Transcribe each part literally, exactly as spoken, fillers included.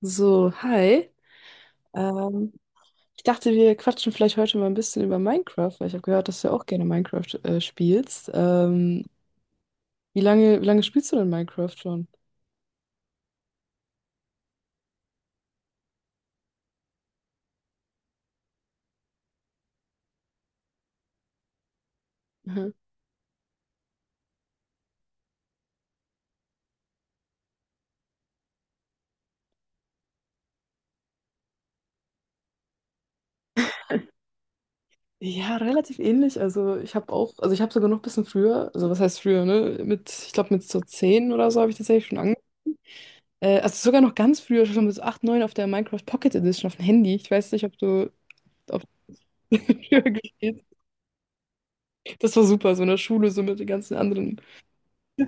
So, hi. Ähm, ich dachte, wir quatschen vielleicht heute mal ein bisschen über Minecraft, weil ich habe gehört, dass du ja auch gerne Minecraft äh, spielst. Ähm, wie lange, wie lange spielst du denn Minecraft schon? Mhm. Ja, relativ ähnlich. Also ich habe auch, also ich habe sogar noch ein bisschen früher, also was heißt früher, ne? Mit, ich glaube mit so zehn oder so habe ich tatsächlich schon angefangen. Äh, also sogar noch ganz früher, schon mit so acht, neun auf der Minecraft Pocket Edition auf dem Handy. Ich weiß nicht, ob du auf früher gespielt hast. Das war super, so in der Schule, so mit den ganzen anderen.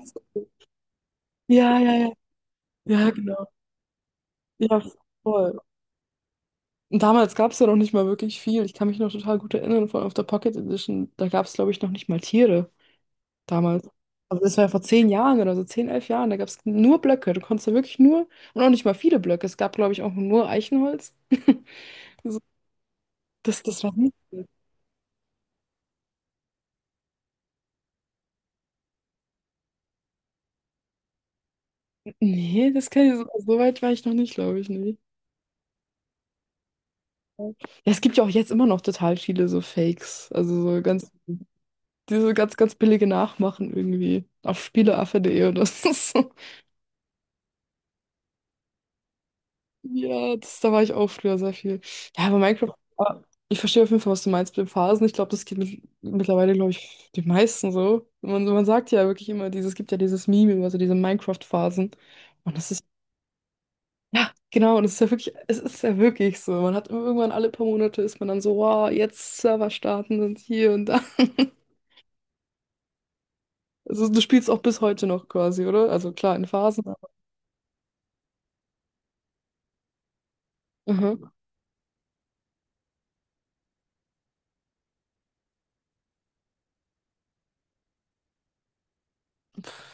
Ja, ja, ja. Ja, genau. Ja, voll. Und damals gab es ja noch nicht mal wirklich viel. Ich kann mich noch total gut erinnern, vor allem auf der Pocket Edition. Da gab es, glaube ich, noch nicht mal Tiere damals. Also das war ja vor zehn Jahren oder so, zehn, elf Jahren. Da gab es nur Blöcke. Du konntest ja wirklich nur, und auch nicht mal viele Blöcke. Es gab, glaube ich, auch nur Eichenholz. So, Das, das war nicht. Nee, das kann ich, so so weit war ich noch nicht, glaube ich, nee. Ja, es gibt ja auch jetzt immer noch total viele so Fakes. Also so ganz, diese ganz, ganz billige Nachmachen irgendwie. Auf spieleaffe.de oder so. Ja, das, da war ich auch früher sehr viel. Ja, aber Minecraft, ah, ich verstehe auf jeden Fall, was du meinst mit den Phasen. Ich glaube, das geht mit, mittlerweile, glaube ich, den meisten so. Man, man sagt ja wirklich immer, dieses, es gibt ja dieses Meme über so diese Minecraft-Phasen. Und das ist, ja, genau, und es ist ja wirklich, es ist ja wirklich so. Man hat irgendwann alle paar Monate ist man dann so, wow, jetzt Server starten und hier und da. Also du spielst auch bis heute noch quasi, oder? Also klar, in Phasen. aber-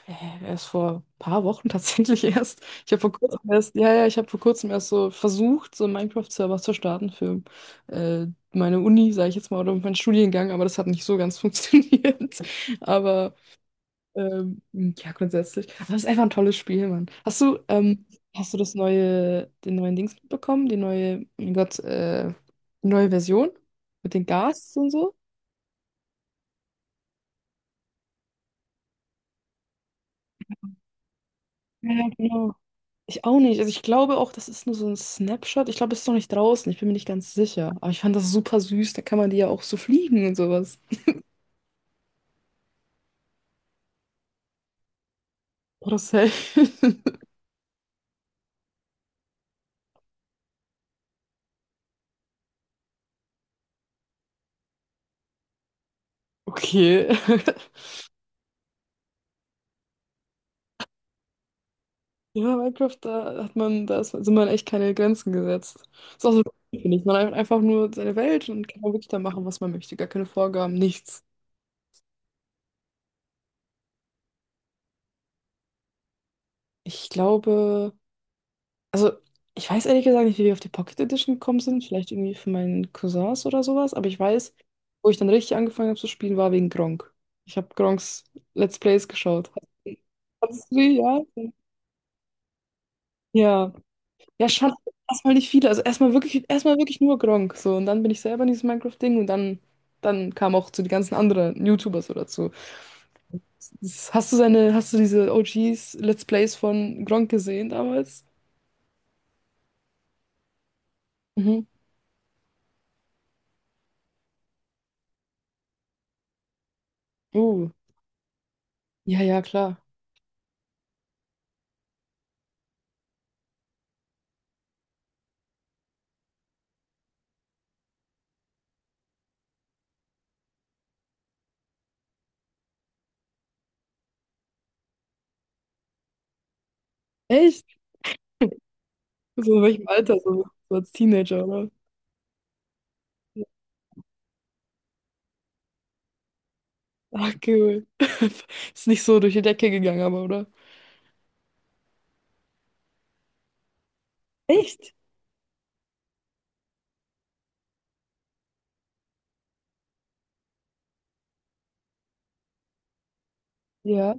Äh, erst vor ein paar Wochen tatsächlich erst. Ich habe vor kurzem erst, ja, ja, ich habe vor kurzem erst so versucht, so einen Minecraft-Server zu starten für äh, meine Uni, sage ich jetzt mal, oder meinen Studiengang, aber das hat nicht so ganz funktioniert. Aber ähm, ja, grundsätzlich. Aber es ist einfach ein tolles Spiel, Mann. Hast du, ähm, hast du das neue, den neuen Dings mitbekommen? Die neue, mein Gott, äh, die neue Version? Mit den Gas und so? Ja, genau. Ich auch nicht. Also ich glaube auch, das ist nur so ein Snapshot. Ich glaube, es ist noch nicht draußen. Ich bin mir nicht ganz sicher. Aber ich fand das super süß. Da kann man die ja auch so fliegen und sowas. Oder safe. Okay. Ja, Minecraft, da hat man, da ist, sind man echt keine Grenzen gesetzt. Ist auch so, finde ich. Man hat einfach nur seine Welt und kann wirklich da machen, was man möchte. Gar keine Vorgaben, nichts. Ich glaube. Also, ich weiß ehrlich gesagt nicht, wie wir auf die Pocket Edition gekommen sind. Vielleicht irgendwie von meinen Cousins oder sowas. Aber ich weiß, wo ich dann richtig angefangen habe zu spielen, war wegen Gronk. Ich habe Gronks Let's Plays geschaut. Hast du, ja? Ja. Ja, schon erstmal nicht viele. Also erstmal wirklich, erstmal wirklich nur Gronk. So, und dann bin ich selber in dieses Minecraft-Ding und dann, dann kamen auch zu die ganzen anderen YouTuber so dazu. Das, hast du seine, hast du diese O Gs Let's Plays von Gronk gesehen damals? Mhm. Uh. Ja, ja, klar. Echt? So in welchem Alter? So, so als Teenager, oder? Ach, cool. Ist nicht so durch die Decke gegangen, aber, oder? Echt? Ja.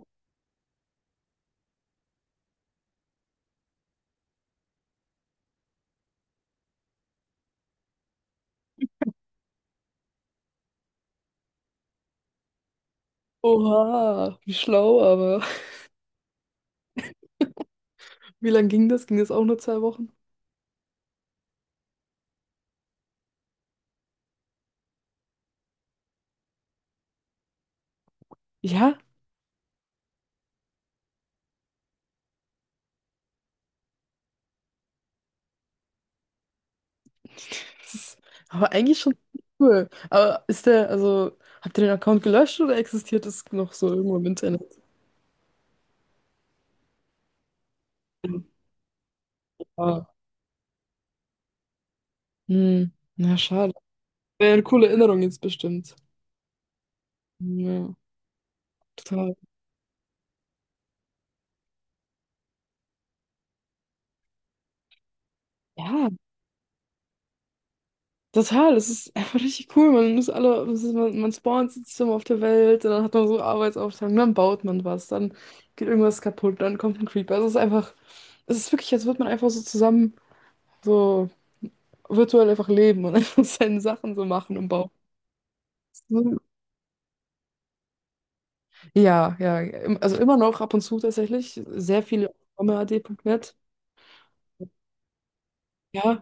Oha, wie schlau, aber wie lange ging das? Ging das auch nur zwei Wochen? Ja, das ist aber eigentlich schon cool. Aber ist der, also, habt ihr den Account gelöscht oder existiert es noch so irgendwo im Internet? Ah. Hm, na schade. Wäre eine coole Erinnerung jetzt bestimmt. Ja, total. Ja, total, es ist einfach richtig cool. Man muss alle, das ist, man, man spawnt System auf der Welt, und dann hat man so Arbeitsaufteilung, dann baut man was, dann geht irgendwas kaputt, dann kommt ein Creeper. Also es ist einfach, es ist wirklich, als würde man einfach so zusammen so virtuell einfach leben und einfach seine Sachen so machen und bauen. Ja, ja, im- also immer noch ab und zu tatsächlich. Sehr viele auf Omad Punkt Net. Ja,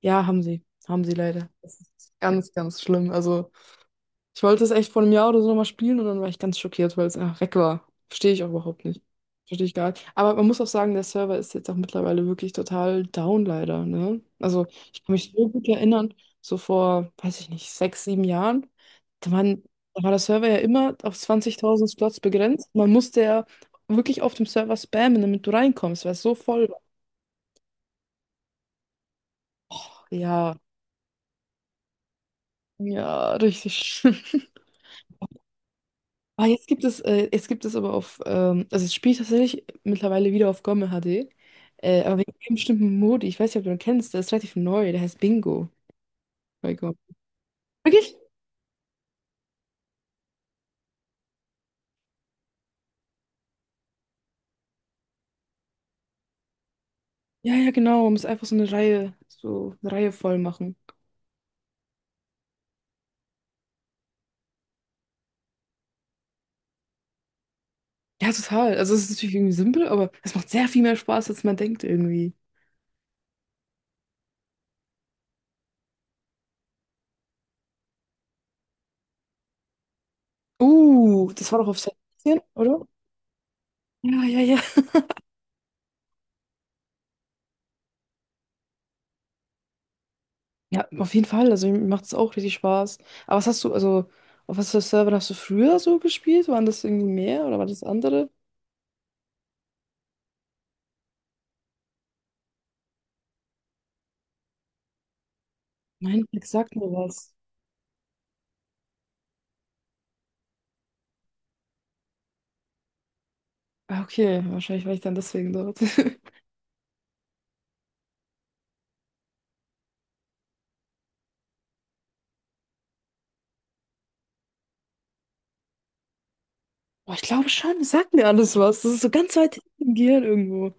ja, haben sie. Haben sie leider. Das ist ganz, ganz schlimm. Also. Ich wollte es echt vor einem Jahr oder so nochmal spielen und dann war ich ganz schockiert, weil es einfach weg war. Verstehe ich auch überhaupt nicht. Verstehe ich gar nicht. Aber man muss auch sagen, der Server ist jetzt auch mittlerweile wirklich total down, leider, ne? Also, ich kann mich so gut erinnern, so vor, weiß ich nicht, sechs, sieben Jahren, da waren, da war der Server ja immer auf zwanzigtausend Slots begrenzt. Man musste ja wirklich auf dem Server spammen, damit du reinkommst, weil es so voll war. Och, ja, ja, richtig schlimm. Ah, jetzt gibt es, äh, jetzt gibt es aber auf, ähm, also es spielt tatsächlich mittlerweile wieder auf GOMME H D, äh, aber wegen einem bestimmten Modi, ich weiß nicht, ob du ihn kennst, der ist relativ neu, der heißt Bingo bei GOMME. Wirklich? Ja, ja, genau, man muss einfach so eine Reihe, so eine Reihe voll machen. Ja, total. Also es ist natürlich irgendwie simpel, aber es macht sehr viel mehr Spaß, als man denkt irgendwie. Uh, das war doch auf Sebastian, oder? Ja, ja, ja. Ja, auf jeden Fall. Also mir macht es auch richtig Spaß. Aber was hast du, also auf was für Servern hast du früher so gespielt? Waren das irgendwie mehr oder war das andere? Mindflex sagt mir was. Ah, okay, wahrscheinlich war ich dann deswegen dort. Boah, ich glaube schon, es sagt mir alles was. Das ist so ganz weit hinten im Gehirn irgendwo.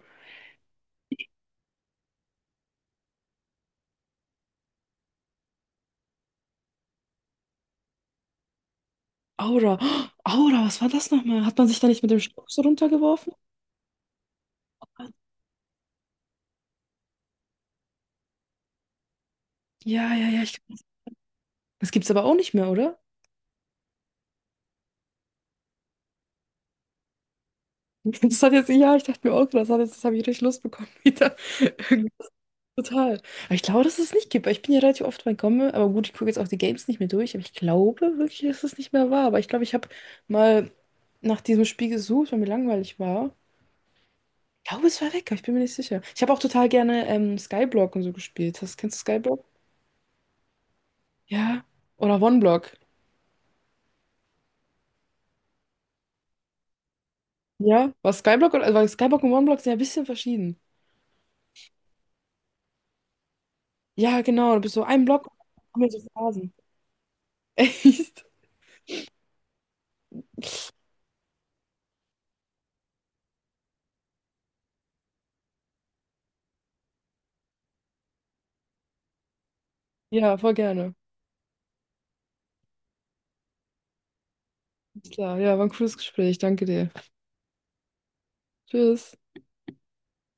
Aura. Oh, Aura, was war das nochmal? Hat man sich da nicht mit dem Stock so runtergeworfen? Ja, ja, ja. Ich... Das gibt's aber auch nicht mehr, oder? Das hat jetzt, ja, ich dachte mir auch, das hat jetzt, das habe ich richtig Lust bekommen wieder. Irgendwie total. Aber ich glaube, dass es nicht gibt. Ich bin ja relativ oft bei Komme, aber gut, ich gucke jetzt auch die Games nicht mehr durch. Aber ich glaube wirklich, dass es nicht mehr war. Aber ich glaube, ich habe mal nach diesem Spiel gesucht, weil mir langweilig war. Ich glaube, es war weg, aber ich bin mir nicht sicher. Ich habe auch total gerne ähm, Skyblock und so gespielt. Hast, kennst du Skyblock? Ja. Oder OneBlock. Ja. War Skyblock oder, weil Skyblock und OneBlock sind ja ein bisschen verschieden. Ja, genau. Du bist so ein Block und dann haben wir so Phasen. Echt? Ja, voll gerne. Klar, ja, war ein cooles Gespräch. Danke dir. Tschüss.